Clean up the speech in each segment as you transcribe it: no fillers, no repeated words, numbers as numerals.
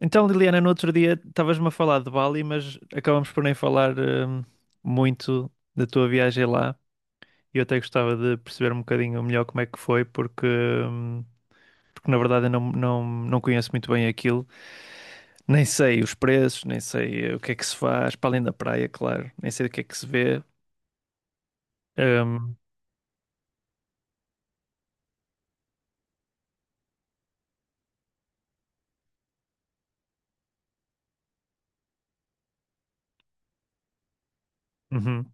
Então, Liliana, no outro dia estavas-me a falar de Bali, mas acabamos por nem falar muito da tua viagem lá. E eu até gostava de perceber um bocadinho melhor como é que foi, porque, porque na verdade eu não conheço muito bem aquilo. Nem sei os preços, nem sei o que é que se faz, para além da praia, claro. Nem sei o que é que se vê. Hum, uhum,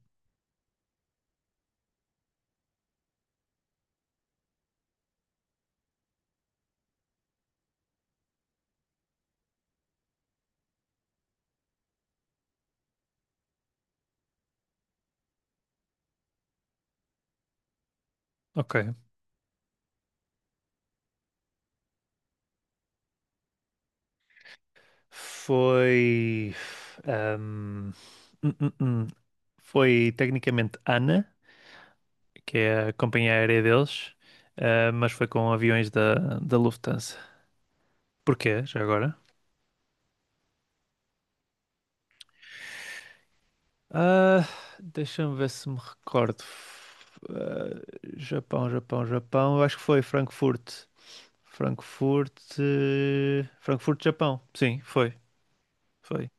ok. Foi. hum, hum, hum, hum. Foi tecnicamente Ana, que é a companhia aérea deles. Mas foi com aviões da Lufthansa. Porquê, já agora? Ah, deixa-me ver se me recordo. Japão, Japão, Japão. Eu acho que foi Frankfurt. Frankfurt. Frankfurt, Japão. Sim, foi. Foi.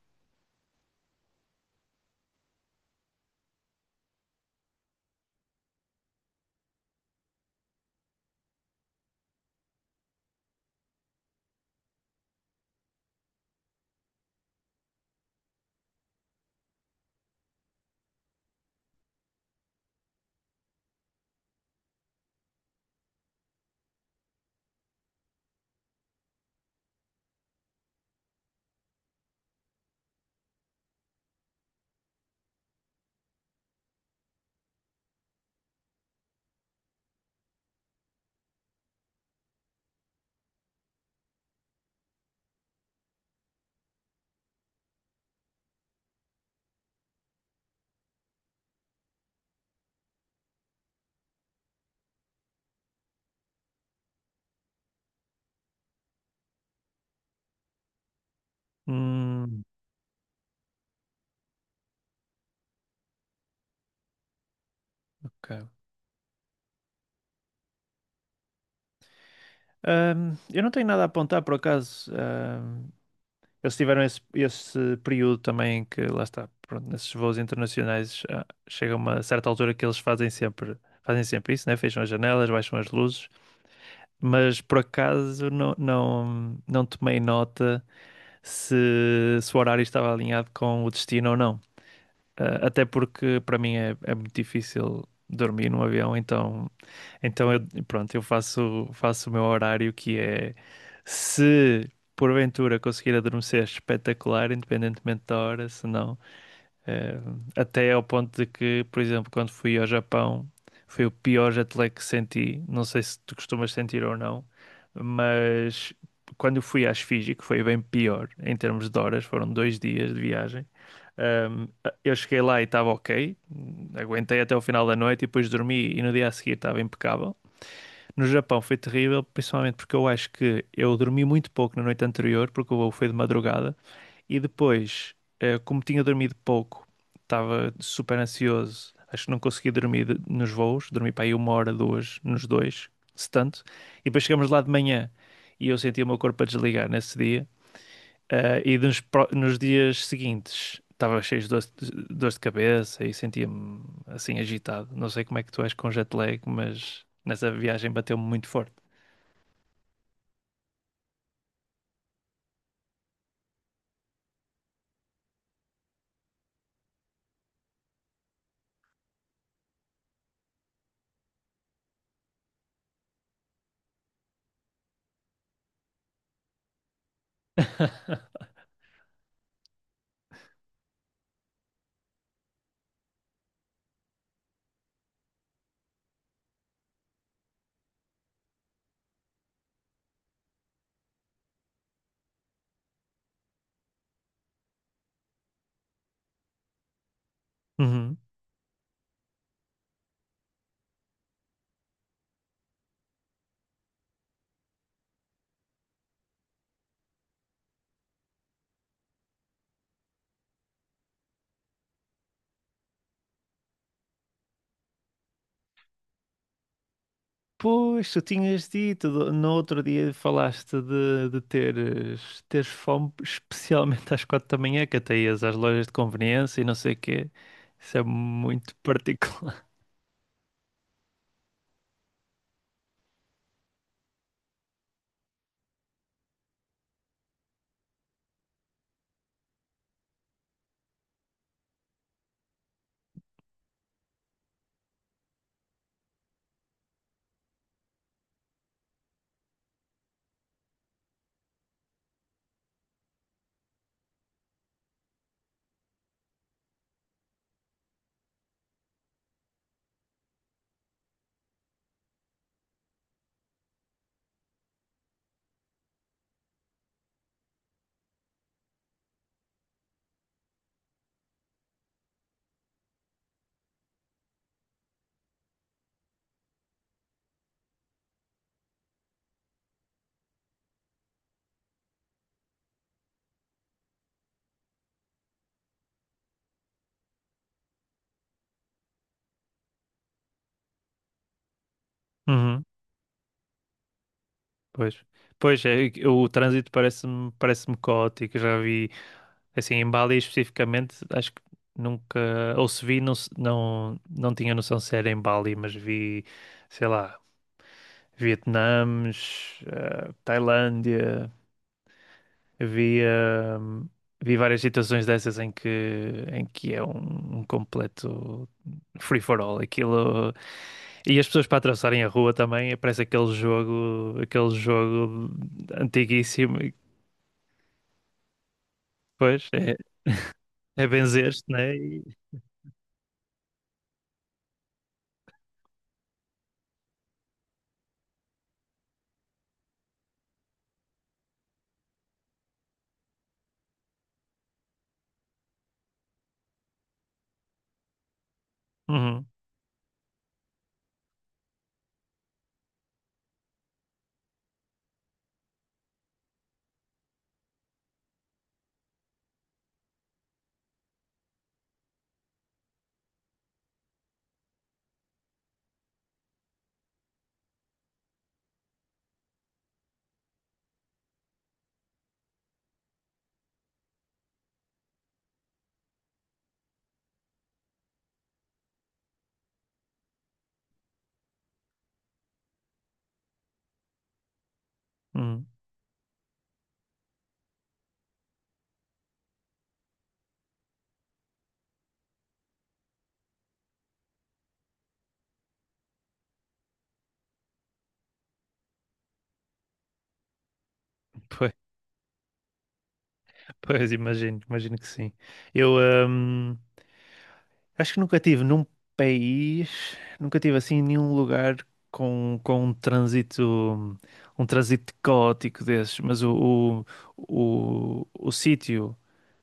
Hum, ok. Eu não tenho nada a apontar por acaso. Eles tiveram esse período também que, lá está, pronto, nesses voos internacionais, chega uma certa altura que eles fazem sempre isso, né? Fecham as janelas, baixam as luzes, mas por acaso não tomei nota se, se o horário estava alinhado com o destino ou não. Ah, até porque para mim é muito difícil dormir num avião, então então eu, pronto, eu faço o meu horário, que é, se porventura conseguir adormecer, espetacular, independentemente da hora. Se não, eh, até ao ponto de que, por exemplo, quando fui ao Japão, foi o pior jet lag que senti. Não sei se tu costumas sentir ou não, mas quando eu fui às Fiji, que foi bem pior em termos de horas, foram dois dias de viagem. Um, eu cheguei lá e estava ok, aguentei até o final da noite e depois dormi e no dia a seguir estava impecável. No Japão foi terrível, principalmente porque eu acho que eu dormi muito pouco na noite anterior, porque o voo foi de madrugada, e depois, como tinha dormido pouco, estava super ansioso, acho que não consegui dormir nos voos, dormi para aí uma hora, duas, nos dois, se tanto, e depois chegamos lá de manhã e eu senti o meu corpo a desligar nesse dia, e nos dias seguintes estava cheio de dor dor de cabeça e sentia-me assim agitado. Não sei como é que tu és com jet lag, mas nessa viagem bateu-me muito forte. Uhum. Pois, tu tinhas dito, no outro dia falaste de teres fome, especialmente às 4 da manhã, que até ias às lojas de conveniência e não sei o quê. Isso é muito particular. Uhum. Pois, pois é, o trânsito parece-me caótico. Eu já vi. Assim, em Bali especificamente, acho que nunca, ou se vi, não, não tinha noção se era em Bali, mas vi, sei lá, Vietnãs, Tailândia, vi, eh, vi várias situações dessas em em que é um completo free for all, aquilo, e as pessoas para atravessarem a rua também, parece aquele jogo antiguíssimo, e depois é benzer-se, né? E- uhum, uhum. Pois, imagino, imagino que sim. Eu hum, acho que nunca tive num país, nunca tive assim nenhum lugar com um trânsito caótico desses, mas o sítio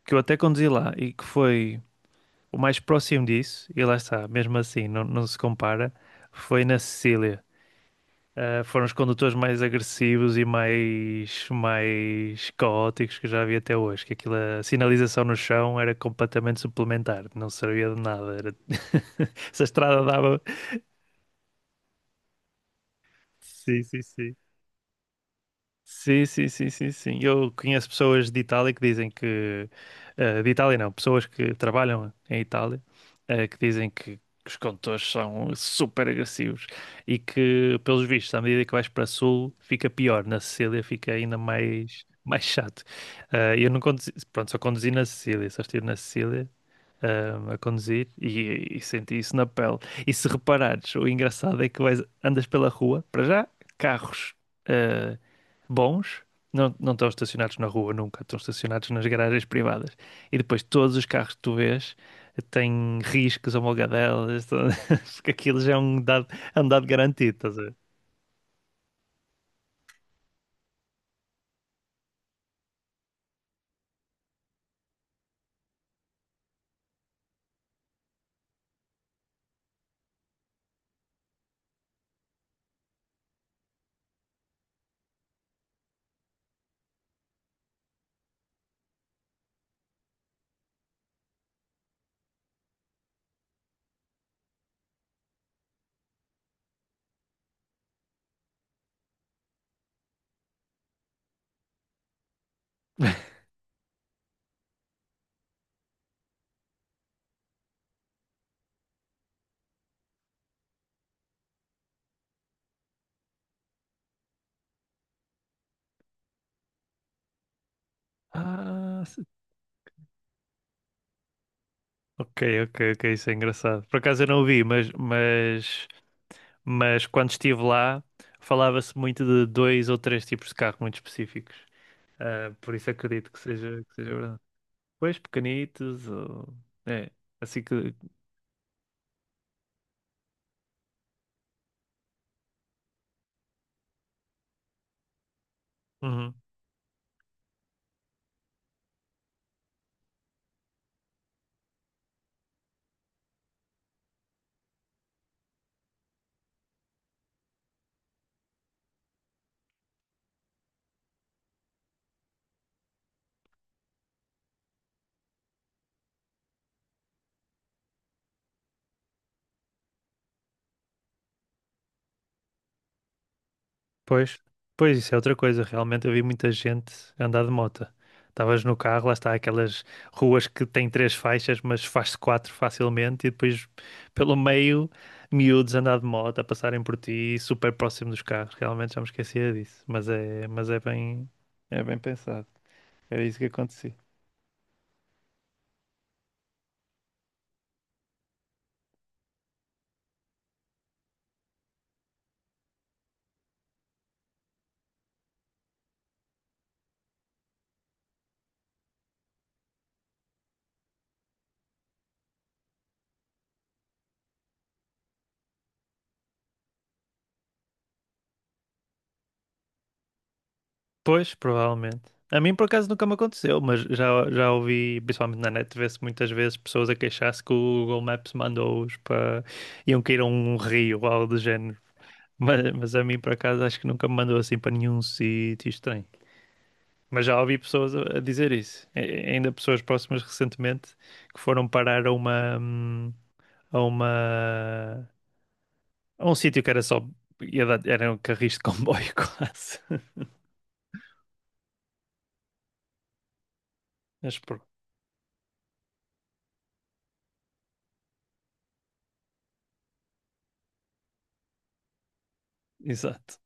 que eu até conduzi lá e que foi o mais próximo disso, e lá está, mesmo assim, não se compara, foi na Sicília. Foram os condutores mais agressivos e mais caóticos que eu já vi até hoje. Que aquilo, a sinalização no chão era completamente suplementar, não servia de nada. Era... Essa estrada dava. Sim, sim, sim. Sim, sim, sim, sim, sim. Eu conheço pessoas de Itália que dizem de Itália não, pessoas que trabalham em Itália, que dizem que os condutores são super agressivos e que, pelos vistos, à medida que vais para sul, fica pior. Na Sicília fica ainda mais, mais chato. Eh, eu não conduzi, pronto, só conduzi na Sicília, só estive na Sicília. Eh, a conduzir e senti isso na pele. E se reparares, o engraçado é que vais, andas pela rua, para já, carros eh, bons, não estão estacionados na rua nunca, estão estacionados nas garagens privadas. E depois todos os carros que tu vês têm riscos, amolgadelas, porque aquilo já é um dado garantido, estás a ver? Ah, se- ok, ok, ok, isso é engraçado. Por acaso eu não o vi, mas quando estive lá falava-se muito de dois ou três tipos de carro muito específicos. Ah, por isso acredito que que seja verdade. Pois pequenitos, ou... é, assim que. Uhum. Pois, pois isso é outra coisa. Realmente eu vi muita gente andar de moto. Estavas no carro, lá está, aquelas ruas que têm três faixas, mas faz-se quatro facilmente, e depois pelo meio, miúdos a andar de moto, a passarem por ti, super próximo dos carros. Realmente já me esquecia disso, mas é bem pensado. Era isso que acontecia. Pois, provavelmente. A mim, por acaso, nunca me aconteceu, mas já ouvi, principalmente na net, ver-se muitas vezes pessoas a queixar-se que o Google Maps mandou-os para... iam cair a um rio ou algo do género. Mas a mim, por acaso, acho que nunca me mandou assim para nenhum sítio estranho. Mas já ouvi pessoas a dizer isso. E- ainda pessoas próximas recentemente que foram parar a uma... a uma... a um sítio que era só... era um carris de comboio quase. Mas pronto, exato.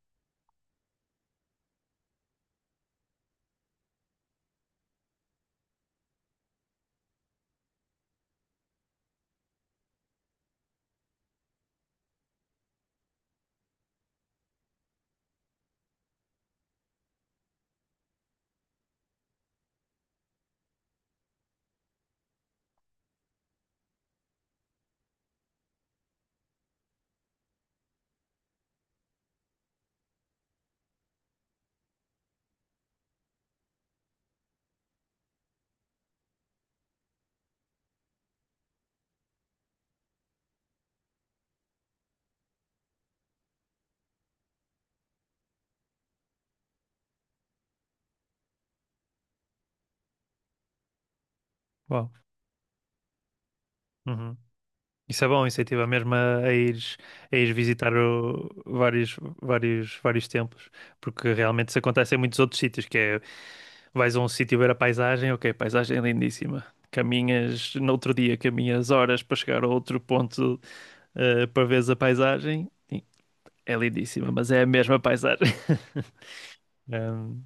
Uau. Uhum. Isso é bom, isso incentiva mesmo a ires visitar vários templos, porque realmente isso acontece em muitos outros sítios, que é, vais a um sítio ver a paisagem, ok, paisagem é lindíssima, caminhas, no outro dia caminhas horas para chegar a outro ponto para veres a paisagem. Sim, é lindíssima, mas é a mesma paisagem. Um,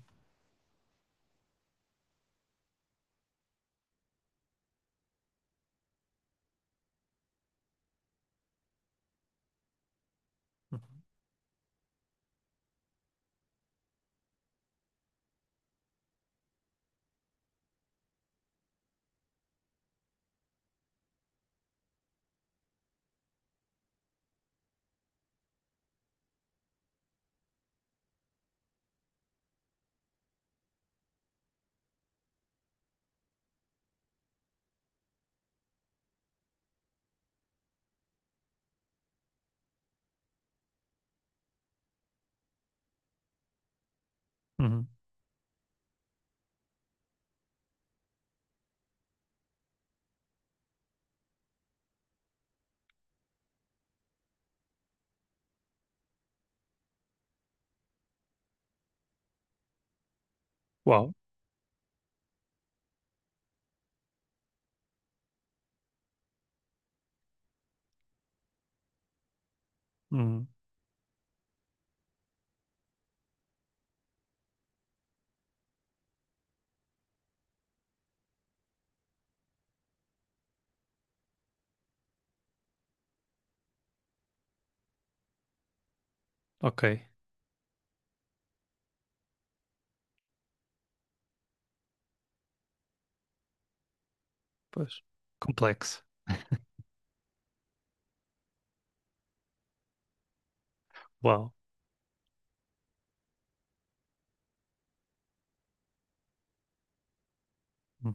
uhum. Uau, uhum. Ok, pois, complexo, uau, uhum.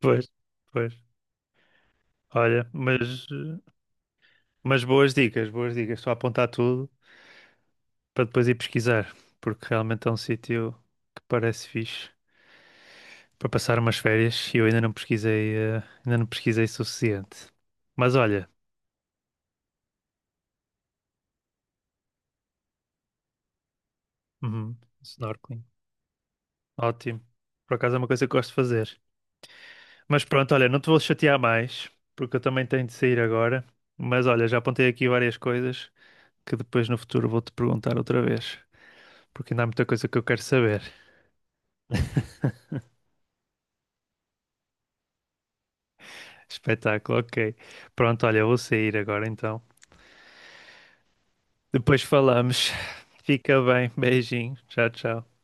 Pois, pois, olha, mas... mas boas dicas, boas dicas. Estou a apontar tudo para depois ir pesquisar, porque realmente é um sítio que parece fixe para passar umas férias e eu ainda não pesquisei, ainda não pesquisei o suficiente. Mas olha, uhum, snorkeling, ótimo. Por acaso é uma coisa que gosto de fazer. Mas pronto, olha, não te vou chatear mais, porque eu também tenho de sair agora. Mas olha, já apontei aqui várias coisas que depois no futuro vou-te perguntar outra vez, porque ainda há muita coisa que eu quero saber. Espetáculo, ok. Pronto, olha, eu vou sair agora então. Depois falamos. Fica bem, beijinho. Tchau, tchau.